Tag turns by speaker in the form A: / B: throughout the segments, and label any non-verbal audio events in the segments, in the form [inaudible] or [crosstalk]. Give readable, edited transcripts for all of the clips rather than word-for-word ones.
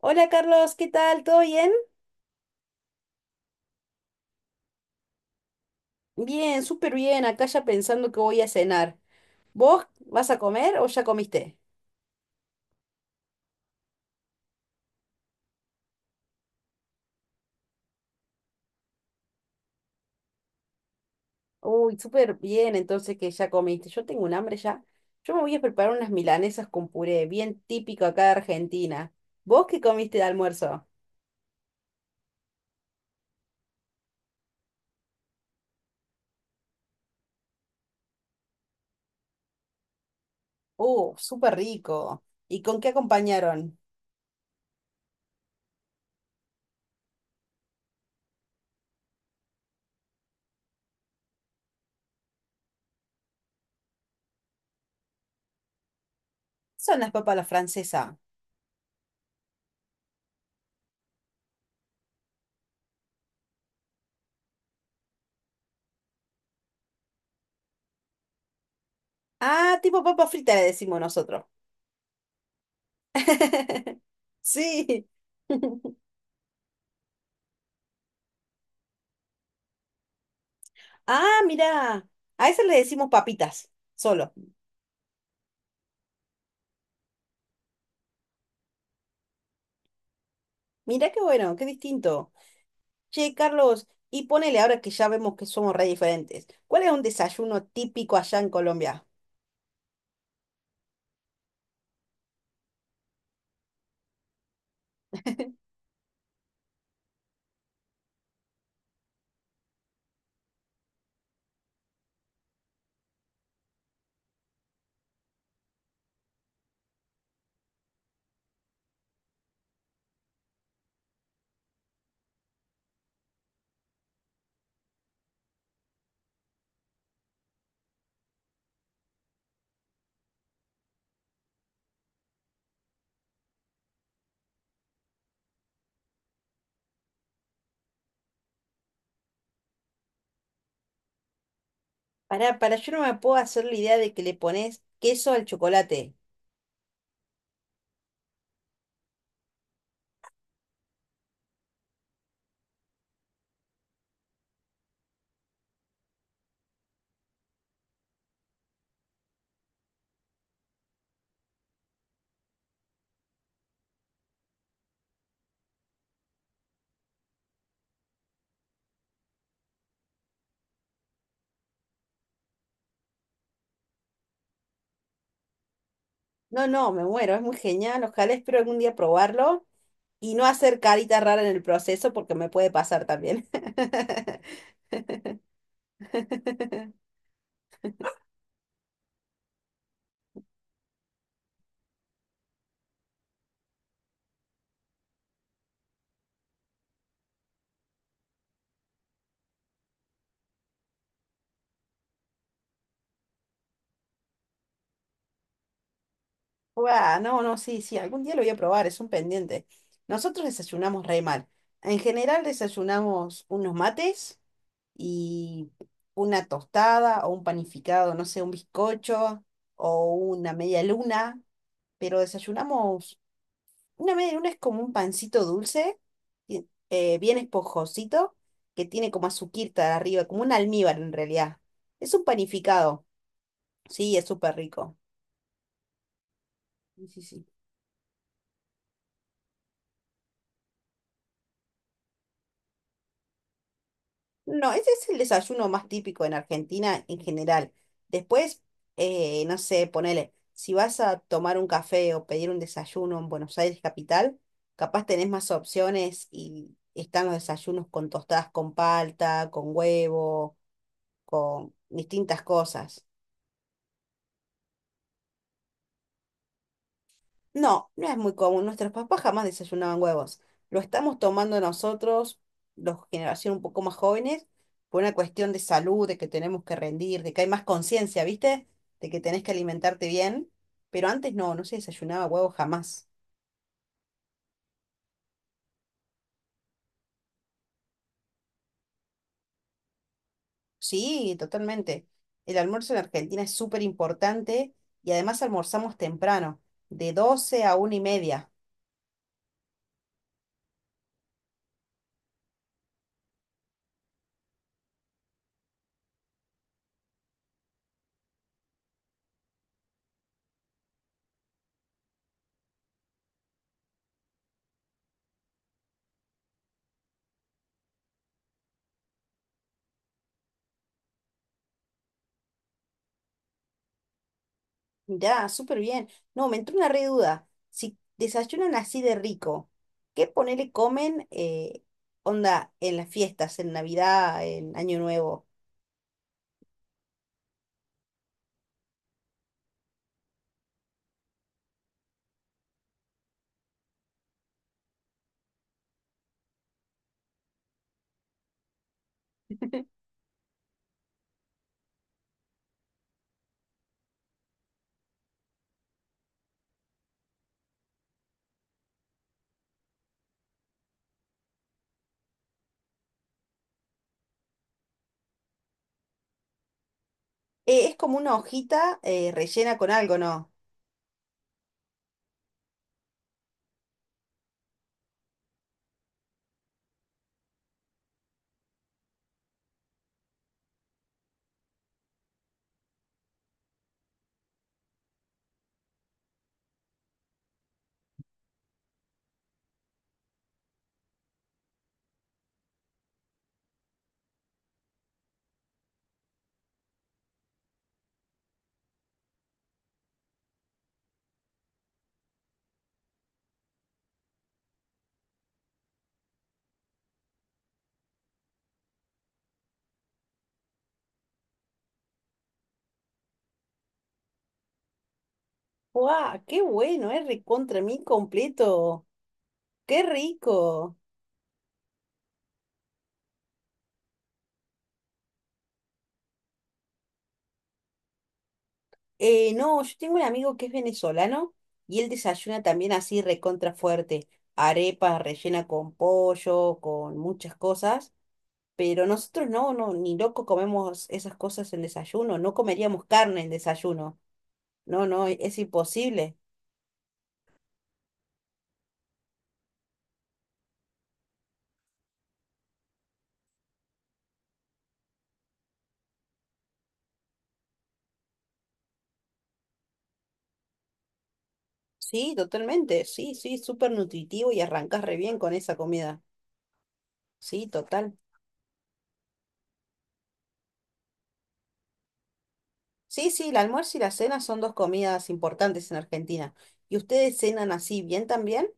A: Hola Carlos, ¿qué tal? ¿Todo bien? Bien, súper bien. Acá ya pensando que voy a cenar. ¿Vos vas a comer o ya comiste? Uy, súper bien, entonces que ya comiste. Yo tengo un hambre ya. Yo me voy a preparar unas milanesas con puré, bien típico acá de Argentina. ¿Vos qué comiste de almuerzo? Súper rico. ¿Y con qué acompañaron? Son las papas a la francesa. Ah, tipo papa frita le decimos nosotros. [laughs] Sí. [laughs] Ah, mira, a esas le decimos papitas, solo. Mira qué bueno, qué distinto. Che, Carlos, y ponele ahora que ya vemos que somos re diferentes. ¿Cuál es un desayuno típico allá en Colombia? Pará, para yo no me puedo hacer la idea de que le pones queso al chocolate. No, no, me muero, es muy genial. Ojalá espero algún día probarlo y no hacer caritas raras en el proceso porque me puede pasar también. [laughs] Guau, no, no, sí, sí, algún día lo voy a probar, es un pendiente. Nosotros desayunamos re mal. En general desayunamos unos mates y una tostada o un panificado, no sé, un bizcocho o una media luna, pero desayunamos, una media luna es como un pancito dulce, bien esponjosito, que tiene como azuquita arriba, como un almíbar en realidad. Es un panificado, sí, es súper rico. Sí, sí, sí. No, ese es el desayuno más típico en Argentina en general. Después, no sé, ponele, si vas a tomar un café o pedir un desayuno en Buenos Aires capital, capaz tenés más opciones y están los desayunos con tostadas con palta, con huevo, con distintas cosas. No, no es muy común. Nuestros papás jamás desayunaban huevos. Lo estamos tomando nosotros, los generación un poco más jóvenes, por una cuestión de salud, de que tenemos que rendir, de que hay más conciencia, ¿viste? De que tenés que alimentarte bien. Pero antes no, no se desayunaba huevos jamás. Sí, totalmente. El almuerzo en Argentina es súper importante y además almorzamos temprano, de 12 a una y media. Mirá, súper bien. No, me entró una re duda. Si desayunan así de rico, ¿qué ponele comen onda en las fiestas, en Navidad, en Año Nuevo? [laughs] Es como una hojita rellena con algo, ¿no? ¡Guau! ¡Qué bueno! Es recontra mí completo. ¡Qué rico! No, yo tengo un amigo que es venezolano y él desayuna también así recontra fuerte. Arepa rellena con pollo, con muchas cosas. Pero nosotros no, no, ni loco comemos esas cosas en desayuno, no comeríamos carne en desayuno. No, no, es imposible. Sí, totalmente, sí, sí, súper nutritivo y arrancas re bien con esa comida. Sí, total. Sí, sí, el almuerzo y la cena son dos comidas importantes en Argentina. ¿Y ustedes cenan así bien también?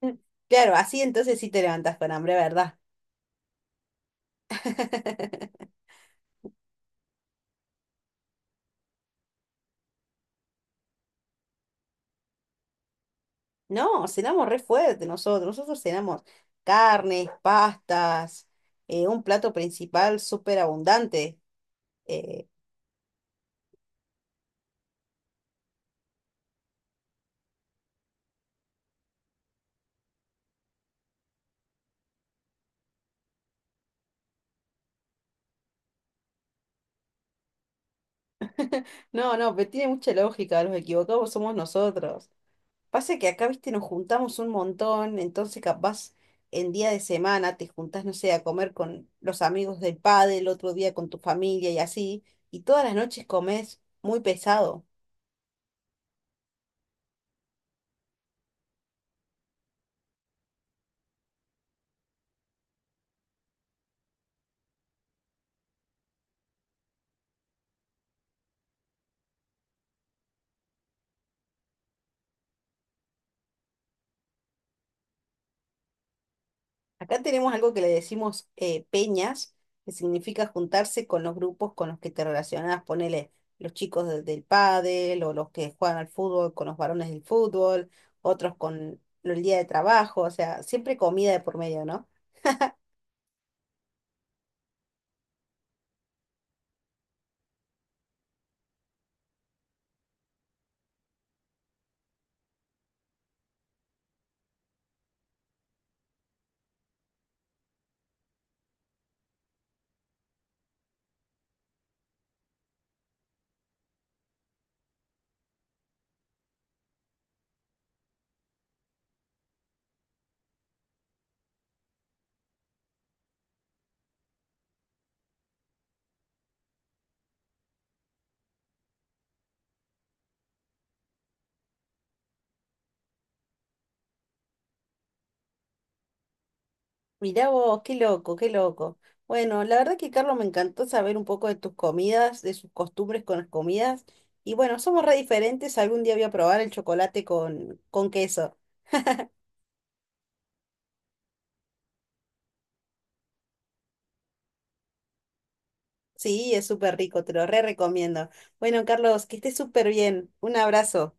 A: [laughs] Claro, así entonces sí te levantas con hambre, ¿verdad? [laughs] No, cenamos re fuerte nosotros. Nosotros cenamos carnes, pastas, un plato principal súper abundante. eh, no, no, pero tiene mucha lógica, los equivocados somos nosotros. Pasa que acá, viste, nos juntamos un montón, entonces capaz en día de semana te juntás, no sé, a comer con los amigos del padre, el otro día con tu familia y así, y todas las noches comes muy pesado. Acá tenemos algo que le decimos peñas, que significa juntarse con los grupos con los que te relacionás, ponele los chicos del pádel o los que juegan al fútbol con los varones del fútbol, otros con el día de trabajo, o sea, siempre comida de por medio, ¿no? Mirá vos, qué loco, qué loco. Bueno, la verdad que Carlos me encantó saber un poco de tus comidas, de sus costumbres con las comidas. Y bueno, somos re diferentes, algún día voy a probar el chocolate con queso. Sí, es súper rico, te lo re recomiendo. Bueno, Carlos, que estés súper bien. Un abrazo.